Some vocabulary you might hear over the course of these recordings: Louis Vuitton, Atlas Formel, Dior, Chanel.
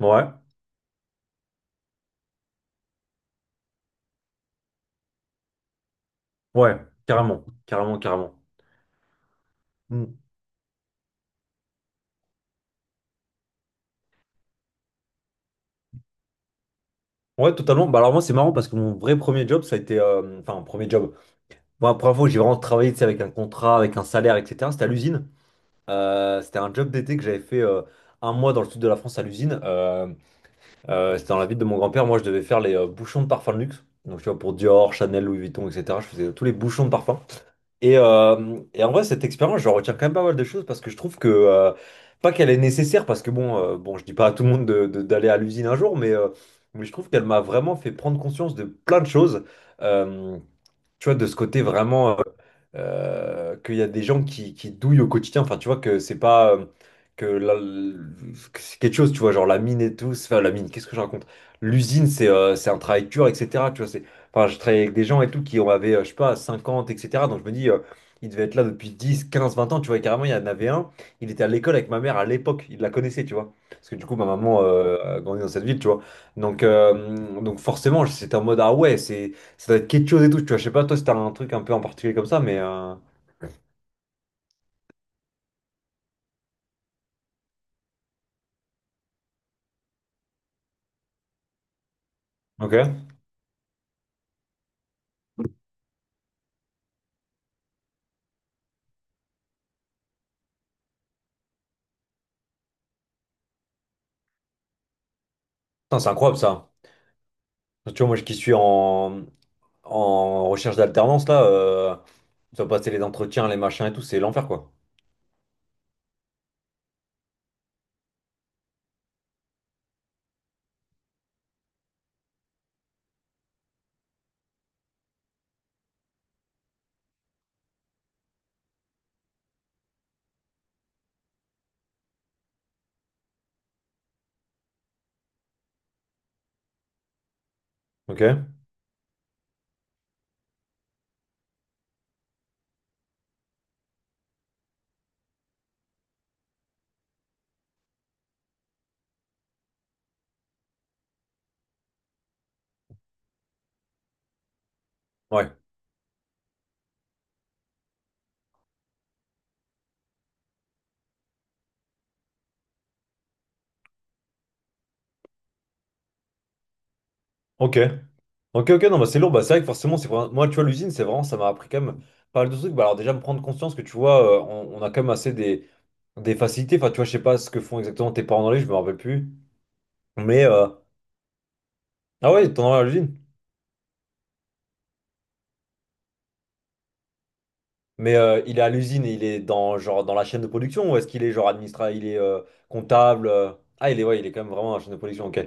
Ouais, ouais, carrément, carrément, carrément. Mm. Ouais, totalement. Bah alors moi c'est marrant parce que mon vrai premier job, ça a été, enfin premier job. Moi, la première fois où j'ai vraiment travaillé, tu sais, avec un contrat, avec un salaire, etc. C'était à l'usine. C'était un job d'été que j'avais fait un mois dans le sud de la France à l'usine. C'était dans la ville de mon grand-père. Moi, je devais faire les bouchons de parfum de luxe. Donc tu vois pour Dior, Chanel, Louis Vuitton, etc. Je faisais tous les bouchons de parfum. Et en vrai, cette expérience, je retiens quand même pas mal de choses parce que je trouve que, pas qu'elle est nécessaire, parce que bon, je dis pas à tout le monde d'aller à l'usine un jour, mais je trouve qu'elle m'a vraiment fait prendre conscience de plein de choses. Euh, Tu vois, de ce côté vraiment qu'il y a des gens qui douillent au quotidien. Enfin, tu vois que c'est pas que, que c'est quelque chose, tu vois, genre la mine et tout. Enfin, la mine, qu'est-ce que je raconte? L'usine, c'est un travail dur, etc. Tu vois, c'est, enfin, je travaillais avec des gens et tout qui en avaient, je sais pas, 50, etc. Donc je me dis, il devait être là depuis 10, 15, 20 ans. Tu vois, et carrément, il y en avait un. Il était à l'école avec ma mère à l'époque. Il la connaissait, tu vois. Parce que du coup, ma maman a grandi dans cette ville, tu vois. Donc forcément, c'était en mode, ah ouais, c'est. Ça doit être quelque chose et tout, tu vois. Je sais pas, toi, si t'as un truc un peu en particulier comme ça, mais. Ok. Putain, c'est incroyable ça. Tu vois, moi, qui suis en recherche d'alternance, là, tu dois passer les entretiens, les machins et tout, c'est l'enfer, quoi. Ok. Ouais. Ok. Ok, ok, non, bah c'est lourd. Bah, c'est vrai que forcément, c'est vraiment- moi, tu vois, l'usine, c'est vraiment, ça m'a appris quand même pas mal de trucs. Bah, alors, déjà, me prendre conscience que tu vois, on a quand même assez des facilités, enfin, tu vois, je sais pas ce que font exactement tes parents dans les, je me rappelle plus. Mais, ah ouais, ton envers à l'usine. Mais il est à l'usine et il est dans, genre, dans la chaîne de production ou est-ce qu'il est genre administrateur, il est comptable Ah, il est, ouais, il est quand même vraiment dans la chaîne de production, ok.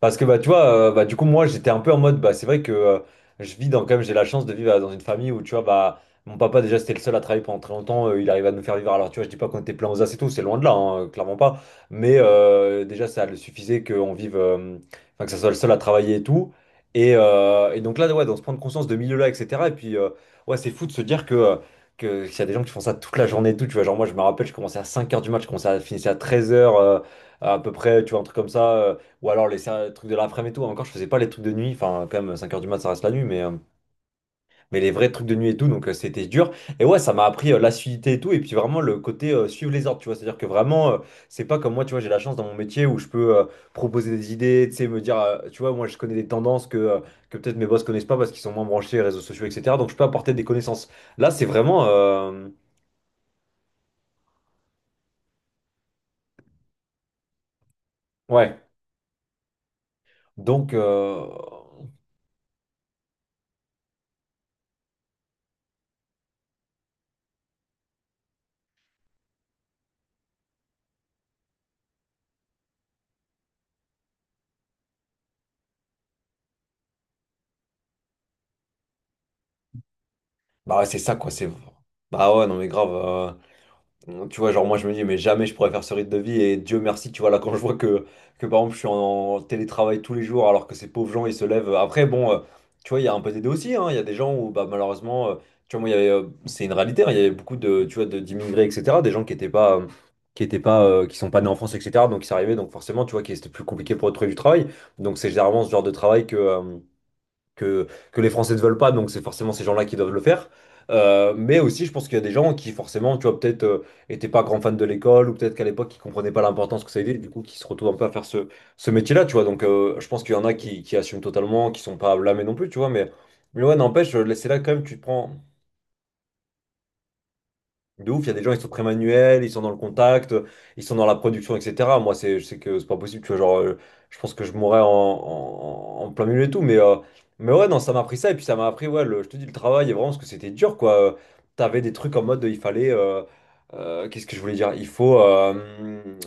Parce que bah tu vois, bah du coup moi j'étais un peu en mode bah c'est vrai que je vis dans quand même j'ai la chance de vivre dans une famille où tu vois bah mon papa déjà c'était le seul à travailler pendant très longtemps, il arrivait à nous faire vivre. Alors tu vois, je dis pas qu'on était plein aux as et tout, c'est loin de là, hein, clairement pas. Mais déjà ça le suffisait qu'on vive, enfin que ça soit le seul à travailler et tout. Et donc là ouais, donc se prendre conscience de milieu-là, etc. Et puis ouais c'est fou de se dire que qu'il y a des gens qui font ça toute la journée et tout, tu vois. Genre moi je me rappelle, je commençais à cinq heures du match, je commençais à finissais à treize heures à peu près, tu vois, un truc comme ça. Ou alors les trucs de l'après-midi et tout. Encore, je faisais pas les trucs de nuit. Enfin, quand même, cinq heures du mat, ça reste la nuit, mais les vrais trucs de nuit et tout. Donc, c'était dur. Et ouais, ça m'a appris l'assiduité et tout. Et puis, vraiment, le côté suivre les ordres, tu vois. C'est-à-dire que vraiment, c'est pas comme moi, tu vois, j'ai la chance dans mon métier où je peux proposer des idées, tu sais, me dire, tu vois, moi, je connais des tendances que peut-être mes boss connaissent pas parce qu'ils sont moins branchés réseaux sociaux, etc. Donc, je peux apporter des connaissances. Là, c'est vraiment. Ouais. Donc, bah, ouais, c'est ça, quoi. C'est. Bah ouais, non, mais grave. Tu vois, genre moi je me dis, mais jamais je pourrais faire ce rythme de vie. Et Dieu merci, tu vois, là quand je vois que par exemple je suis en télétravail tous les jours alors que ces pauvres gens ils se lèvent. Après, bon, tu vois, il y a un peu des deux aussi. Hein. Il y a des gens où bah, malheureusement, tu vois, moi il y avait, c'est une réalité. Hein. Il y avait beaucoup de, tu vois, d'immigrés, etc. Des gens qui sont pas nés en France, etc. Donc ils arrivaient, donc forcément, tu vois, qui c'était plus compliqué pour eux de trouver du travail. Donc c'est généralement ce genre de travail que les Français ne veulent pas, donc c'est forcément ces gens-là qui doivent le faire. Mais aussi, je pense qu'il y a des gens qui, forcément, tu vois, peut-être étaient pas grands fans de l'école, ou peut-être qu'à l'époque, ils comprenaient pas l'importance que ça avait, du coup, qui se retrouvent un peu à faire ce métier-là, tu vois. Donc, je pense qu'il y en a qui assument totalement, qui sont pas blâmés non plus, tu vois. Mais ouais, n'empêche, là, c'est là quand même, tu te prends. De ouf, il y a des gens, ils sont très manuels, ils sont dans le contact, ils sont dans la production, etc. Moi, c'est, je sais que c'est pas possible, tu vois, genre, je pense que je mourrais en plein milieu et tout, mais ouais, non, ça m'a appris ça, et puis ça m'a appris, ouais, je te dis, le travail, et vraiment, parce que c'était dur, quoi. T'avais des trucs en mode, il fallait, qu'est-ce que je voulais dire? Il faut, euh,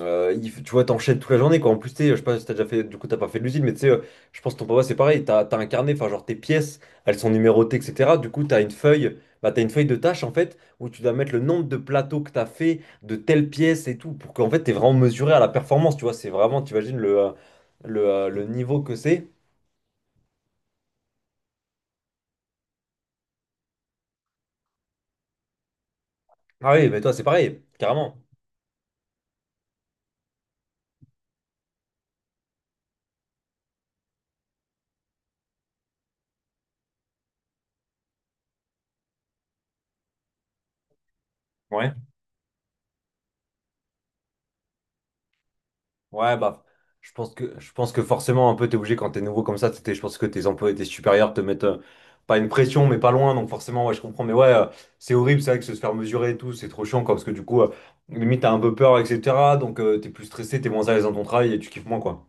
euh, il faut- Tu vois, t'enchaînes toute la journée, quoi. En plus, tu sais, je sais pas si t'as déjà fait, du coup, t'as pas fait de l'usine, mais tu sais, je pense que ton papa, c'est pareil, t'as incarné enfin, genre, tes pièces, elles sont numérotées, etc. Du coup, t'as une feuille de tâches, en fait où tu dois mettre le nombre de plateaux que tu as fait, de telles pièces et tout, pour qu'en fait, tu es vraiment mesuré à la performance, tu vois. C'est vraiment, tu imagines le niveau que c'est. Ah oui, mais toi, c'est pareil, carrément. Ouais. Ouais, bah, je pense que forcément, un peu, t'es obligé quand t'es nouveau comme ça, je pense que tes employés, tes supérieurs te mettent, pas une pression, mais pas loin, donc forcément, ouais, je comprends. Mais ouais, c'est horrible, c'est vrai que se faire mesurer et tout, c'est trop chiant, quoi, parce que du coup, limite, t'as un peu peur, etc. Donc, t'es plus stressé, t'es moins à l'aise dans ton travail et tu kiffes moins, quoi.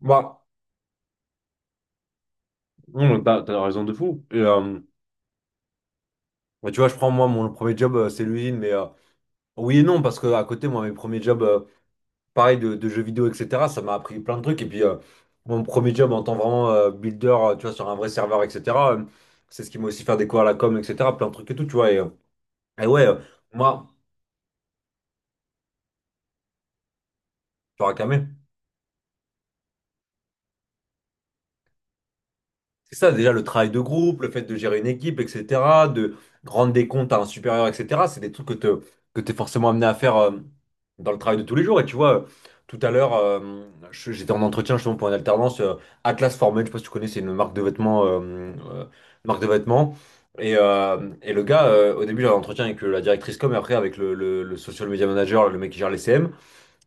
Bah, non, t'as raison de fou. Et, bah, tu vois, je prends moi mon premier job, c'est l'usine, mais oui et non, parce que à côté, moi, mes premiers jobs, pareil, de jeux vidéo, etc., ça m'a appris plein de trucs. Et puis, mon premier job en tant vraiment builder, tu vois, sur un vrai serveur, etc., euh, c'est ce qui m'a aussi fait découvrir la com, etc., plein de trucs et tout, tu vois. Et ouais, moi, tu auras camé. C'est ça, déjà le travail de groupe, le fait de gérer une équipe, etc., de rendre des comptes à un supérieur, etc., c'est des trucs que t'es forcément amené à faire dans le travail de tous les jours. Et tu vois, tout à l'heure, j'étais en entretien justement pour une alternance Atlas Formel, je sais pas si tu connais, c'est une marque de vêtements, marque de vêtements. Et le gars, au début, j'avais un entretien avec la directrice com et après avec le social media manager, le mec qui gère les CM.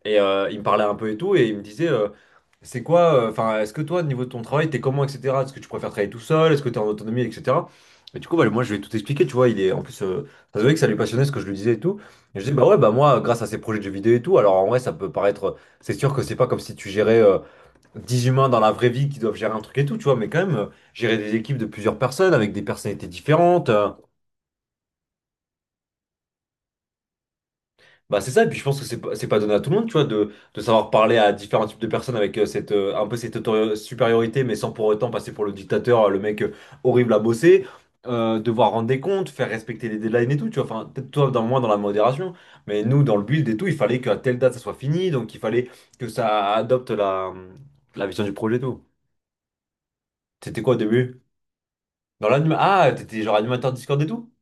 Et il me parlait un peu et tout, et il me disait, c'est quoi, enfin, est-ce que toi, au niveau de ton travail, t'es comment, etc. Est-ce que tu préfères travailler tout seul? Est-ce que t'es en autonomie, etc. Et du coup, bah, moi, je lui ai tout expliqué, tu vois, il est, en plus, ça se voyait que ça lui passionnait ce que je lui disais et tout. Et je dis, bah ouais, bah moi, grâce à ces projets de jeux vidéo et tout, alors en vrai, ça peut paraître, c'est sûr que c'est pas comme si tu gérais 10 humains dans la vraie vie qui doivent gérer un truc et tout, tu vois, mais quand même, gérer des équipes de plusieurs personnes avec des personnalités différentes. Bah c'est ça, et puis je pense que c'est pas donné à tout le monde, tu vois, de savoir parler à différents types de personnes avec cette, un peu cette supériorité, mais sans pour autant passer pour le dictateur, le mec horrible à bosser, devoir rendre des comptes, faire respecter les deadlines et tout, tu vois, enfin, peut-être toi, dans, moins dans la modération, mais nous, dans le build et tout, il fallait qu'à telle date, ça soit fini, donc il fallait que ça adopte la vision du projet et tout. C'était quoi au début? Dans l'anime... Ah, t'étais genre animateur Discord et tout?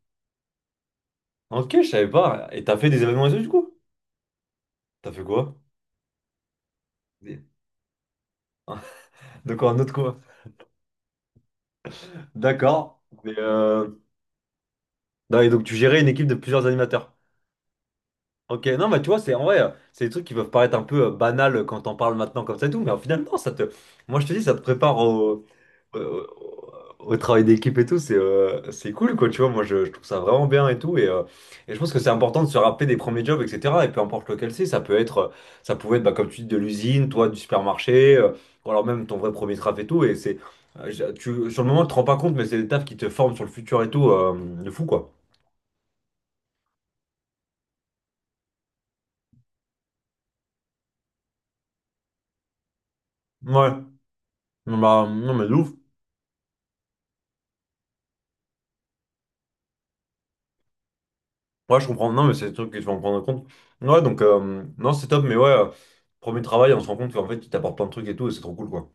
Ok, je savais pas. Et t'as fait des événements et tout, du coup? T'as fait quoi? Des- Donc en autre quoi? D'accord. Mais, non, et donc tu gérais une équipe de plusieurs animateurs. Ok, non, mais tu vois, c'est en vrai, c'est des trucs qui peuvent paraître un peu banals quand on parle maintenant comme ça et tout, mais au final, non, ça te. Moi, je te dis, ça te prépare euh, au travail d'équipe et tout, c'est cool, quoi, tu vois. Moi, je trouve ça vraiment bien et tout. Et je pense que c'est important de se rappeler des premiers jobs, etc. Et peu importe lequel c'est, ça peut être, ça pouvait être, bah, comme tu dis, de l'usine, toi, du supermarché, ou alors même ton vrai premier taf et tout. Et c'est, tu, sur le moment, tu te rends pas compte, mais c'est des tafs qui te forment sur le futur et tout, de fou, quoi. Ouais, non, bah, non, mais de ouf. Ouais, je comprends. Non, mais c'est des trucs qu'il faut en prendre en compte. Ouais, donc, non, c'est top, mais ouais, premier travail, on se rend compte qu'en fait, tu t'apportes plein de trucs et tout, et c'est trop cool, quoi.